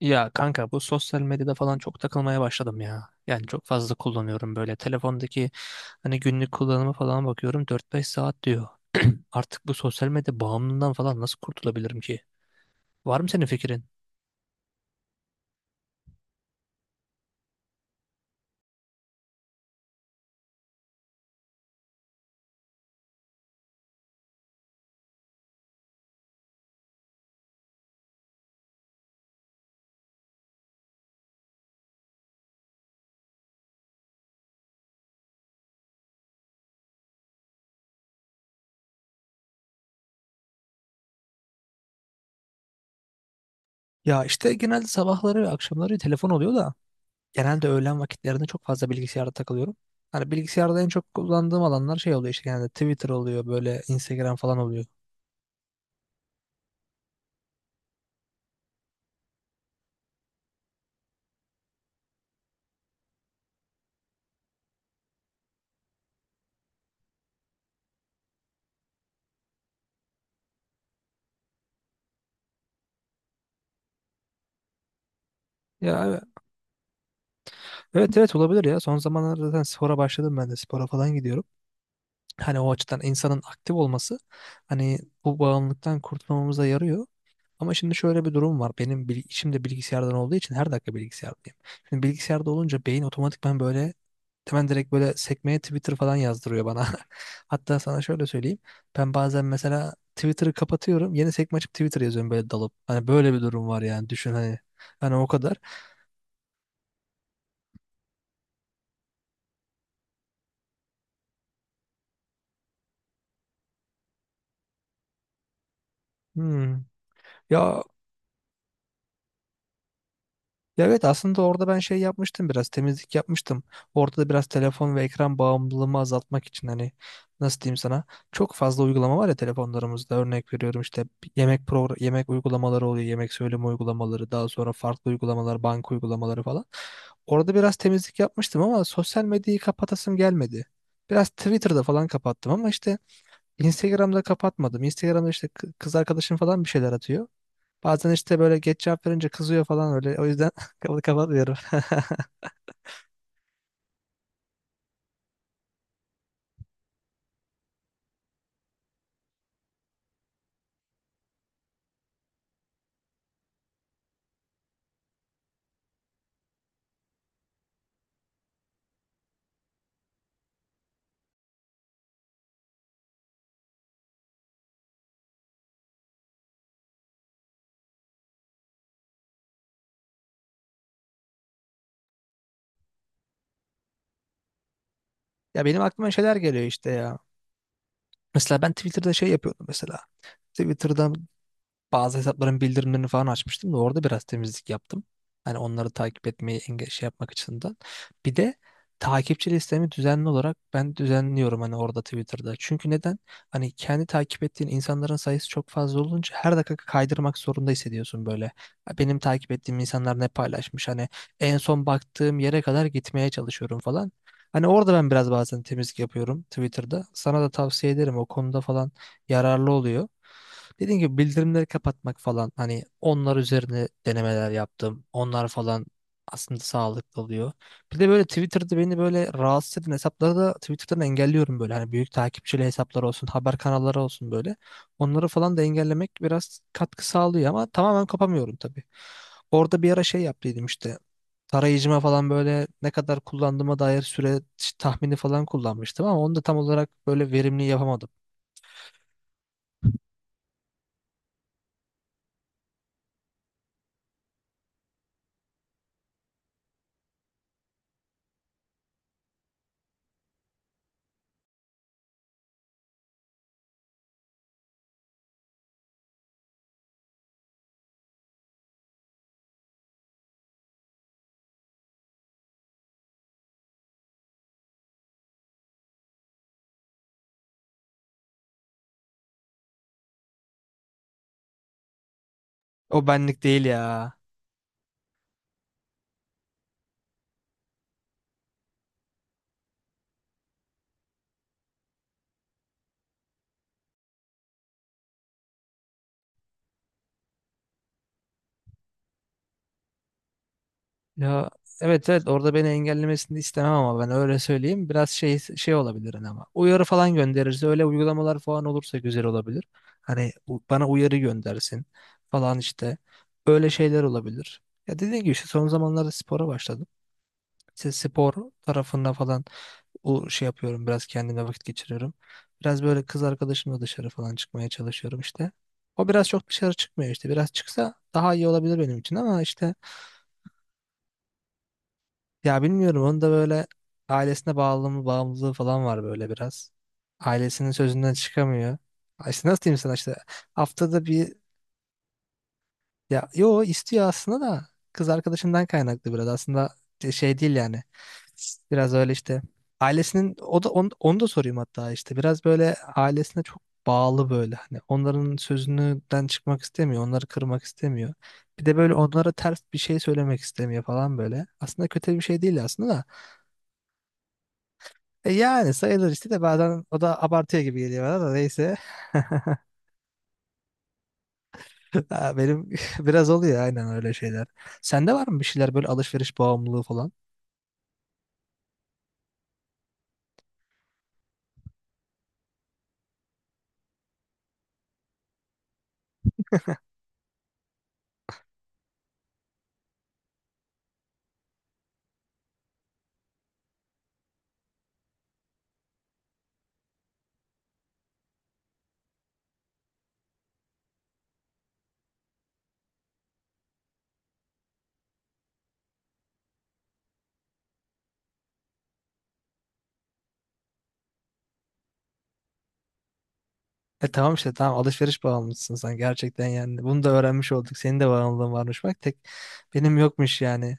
Ya kanka bu sosyal medyada falan çok takılmaya başladım ya. Yani çok fazla kullanıyorum böyle. Telefondaki hani günlük kullanımı falan bakıyorum 4-5 saat diyor. Artık bu sosyal medya bağımlılığından falan nasıl kurtulabilirim ki? Var mı senin fikrin? Ya işte genelde sabahları ve akşamları telefon oluyor da genelde öğlen vakitlerinde çok fazla bilgisayarda takılıyorum. Hani bilgisayarda en çok kullandığım alanlar şey oluyor işte genelde Twitter oluyor böyle Instagram falan oluyor. Ya evet evet olabilir ya. Son zamanlarda zaten spora başladım ben de spora falan gidiyorum. Hani o açıdan insanın aktif olması hani bu bağımlılıktan kurtulmamıza yarıyor. Ama şimdi şöyle bir durum var. Benim işim de bilgisayardan olduğu için her dakika bilgisayardayım. Şimdi bilgisayarda olunca beyin otomatikman böyle hemen direkt böyle sekmeye Twitter falan yazdırıyor bana. Hatta sana şöyle söyleyeyim. Ben bazen mesela Twitter'ı kapatıyorum. Yeni sekme açıp Twitter yazıyorum böyle dalıp. Hani böyle bir durum var yani düşün hani. Hani o kadar. Hmm. Ya Ya evet aslında orada ben şey yapmıştım biraz temizlik yapmıştım. Orada da biraz telefon ve ekran bağımlılığımı azaltmak için hani nasıl diyeyim sana çok fazla uygulama var ya telefonlarımızda örnek veriyorum işte yemek program yemek uygulamaları oluyor yemek söyleme uygulamaları daha sonra farklı uygulamalar banka uygulamaları falan. Orada biraz temizlik yapmıştım ama sosyal medyayı kapatasım gelmedi. Biraz Twitter'da falan kapattım ama işte Instagram'da kapatmadım. Instagram'da işte kız arkadaşım falan bir şeyler atıyor. Bazen işte böyle geç cevap verince kızıyor falan öyle. O yüzden kapatmıyorum. Ya benim aklıma şeyler geliyor işte ya. Mesela ben Twitter'da şey yapıyordum mesela. Twitter'dan bazı hesapların bildirimlerini falan açmıştım da orada biraz temizlik yaptım. Hani onları takip etmeyi şey yapmak açısından. Bir de takipçi listemi düzenli olarak ben düzenliyorum hani orada Twitter'da. Çünkü neden? Hani kendi takip ettiğin insanların sayısı çok fazla olunca her dakika kaydırmak zorunda hissediyorsun böyle. Benim takip ettiğim insanlar ne paylaşmış hani en son baktığım yere kadar gitmeye çalışıyorum falan. Hani orada ben biraz bazen temizlik yapıyorum Twitter'da. Sana da tavsiye ederim o konuda falan yararlı oluyor. Dediğim gibi bildirimleri kapatmak falan hani onlar üzerine denemeler yaptım. Onlar falan aslında sağlıklı oluyor. Bir de böyle Twitter'da beni böyle rahatsız eden hesapları da Twitter'dan engelliyorum böyle. Hani büyük takipçili hesaplar olsun, haber kanalları olsun böyle. Onları falan da engellemek biraz katkı sağlıyor ama tamamen kapamıyorum tabii. Orada bir ara şey yaptıydım işte. Tarayıcıma falan böyle ne kadar kullandığıma dair süre tahmini falan kullanmıştım ama onu da tam olarak böyle verimli yapamadım. O benlik değil ya. Ya evet evet orada beni engellemesini istemem ama ben öyle söyleyeyim. Biraz şey olabilir hani ama. Uyarı falan gönderirse öyle uygulamalar falan olursa güzel olabilir. Hani bana uyarı göndersin falan işte. Öyle şeyler olabilir. Ya dediğim gibi işte son zamanlarda spora başladım. İşte spor tarafında falan o şey yapıyorum biraz kendime vakit geçiriyorum. Biraz böyle kız arkadaşımla dışarı falan çıkmaya çalışıyorum işte. O biraz çok dışarı çıkmıyor işte. Biraz çıksa daha iyi olabilir benim için ama işte ya bilmiyorum onun da böyle ailesine bağlılığı, bağımlılığı falan var böyle biraz. Ailesinin sözünden çıkamıyor. Ay İşte nasıl diyeyim sana işte haftada bir ya yo istiyor aslında da kız arkadaşından kaynaklı biraz aslında şey değil yani. Biraz öyle işte ailesinin o da onu, onu da sorayım hatta işte biraz böyle ailesine çok bağlı böyle hani onların sözünden çıkmak istemiyor, onları kırmak istemiyor. Bir de böyle onlara ters bir şey söylemek istemiyor falan böyle. Aslında kötü bir şey değil aslında da. E yani sayılır işte de bazen o da abartıyor gibi geliyor bana da neyse. Ha, benim biraz oluyor aynen öyle şeyler. Sende var mı bir şeyler böyle alışveriş bağımlılığı falan? E tamam işte tamam alışveriş bağımlısın sen gerçekten yani. Bunu da öğrenmiş olduk. Senin de bağımlılığın varmış bak tek benim yokmuş yani.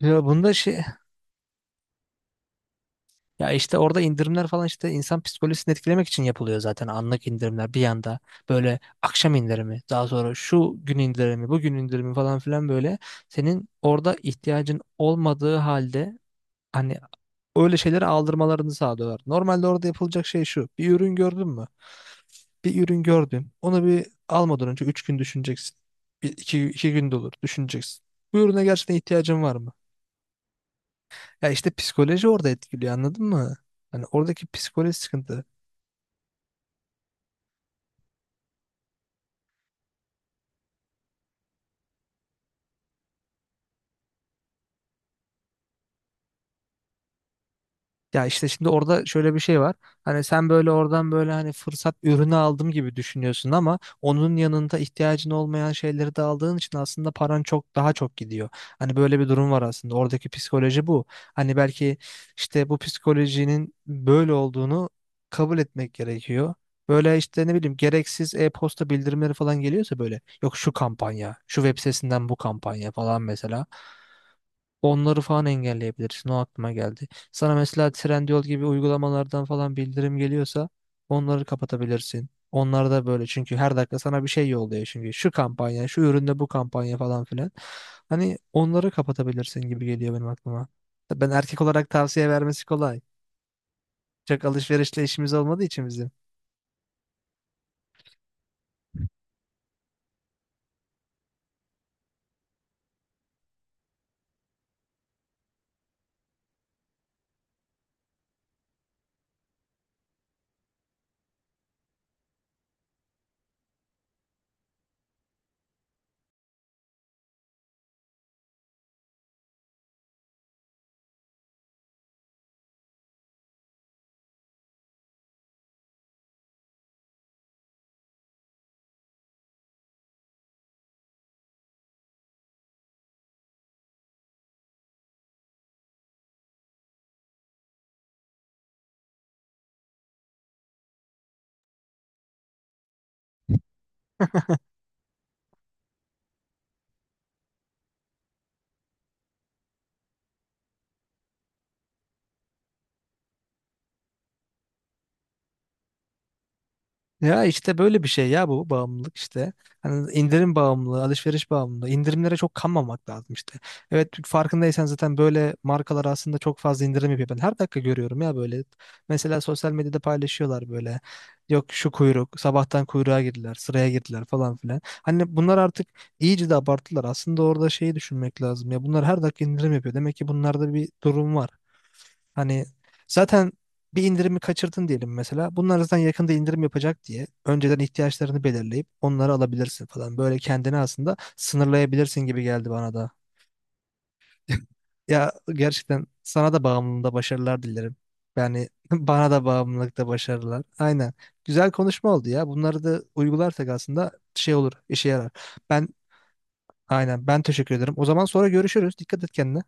Ya bunda şey ya işte orada indirimler falan işte insan psikolojisini etkilemek için yapılıyor zaten anlık indirimler bir yanda böyle akşam indirimi daha sonra şu gün indirimi bugün indirimi falan filan böyle senin orada ihtiyacın olmadığı halde hani öyle şeyleri aldırmalarını sağlıyorlar. Normalde orada yapılacak şey şu, bir ürün gördün mü? Bir ürün gördün onu bir almadan önce 3 gün düşüneceksin. Bir, iki, 2 gün de olur düşüneceksin. Bu ürüne gerçekten ihtiyacın var mı? Ya işte psikoloji orada etkiliyor anladın mı? Hani oradaki psikoloji sıkıntı. Ya işte şimdi orada şöyle bir şey var. Hani sen böyle oradan böyle hani fırsat ürünü aldım gibi düşünüyorsun ama onun yanında ihtiyacın olmayan şeyleri de aldığın için aslında paran çok daha çok gidiyor. Hani böyle bir durum var aslında. Oradaki psikoloji bu. Hani belki işte bu psikolojinin böyle olduğunu kabul etmek gerekiyor. Böyle işte ne bileyim gereksiz e-posta bildirimleri falan geliyorsa böyle yok şu kampanya, şu web sitesinden bu kampanya falan mesela. Onları falan engelleyebilirsin. O aklıma geldi. Sana mesela Trendyol gibi uygulamalardan falan bildirim geliyorsa onları kapatabilirsin. Onlar da böyle çünkü her dakika sana bir şey yolluyor çünkü şu kampanya, şu üründe bu kampanya falan filan. Hani onları kapatabilirsin gibi geliyor benim aklıma. Ben erkek olarak tavsiye vermesi kolay. Çok alışverişle işimiz olmadığı için bizim. Ya işte böyle bir şey ya, bu bağımlılık işte. Hani indirim bağımlılığı, alışveriş bağımlılığı. İndirimlere çok kanmamak lazım işte. Evet farkındaysan zaten böyle markalar aslında çok fazla indirim yapıyor. Ben her dakika görüyorum ya böyle. Mesela sosyal medyada paylaşıyorlar böyle. Yok şu kuyruk, sabahtan kuyruğa girdiler, sıraya girdiler falan filan. Hani bunlar artık iyice de abarttılar. Aslında orada şeyi düşünmek lazım ya. Bunlar her dakika indirim yapıyor. Demek ki bunlarda bir durum var. Hani zaten bir indirimi kaçırdın diyelim mesela. Bunlar zaten yakında indirim yapacak diye önceden ihtiyaçlarını belirleyip onları alabilirsin falan. Böyle kendini aslında sınırlayabilirsin gibi geldi bana da. Ya gerçekten sana da bağımlılığında başarılar dilerim. Yani bana da bağımlılıkta başarılar. Aynen. Güzel konuşma oldu ya. Bunları da uygularsak aslında şey olur, işe yarar. Ben aynen, ben teşekkür ederim. O zaman sonra görüşürüz. Dikkat et kendine.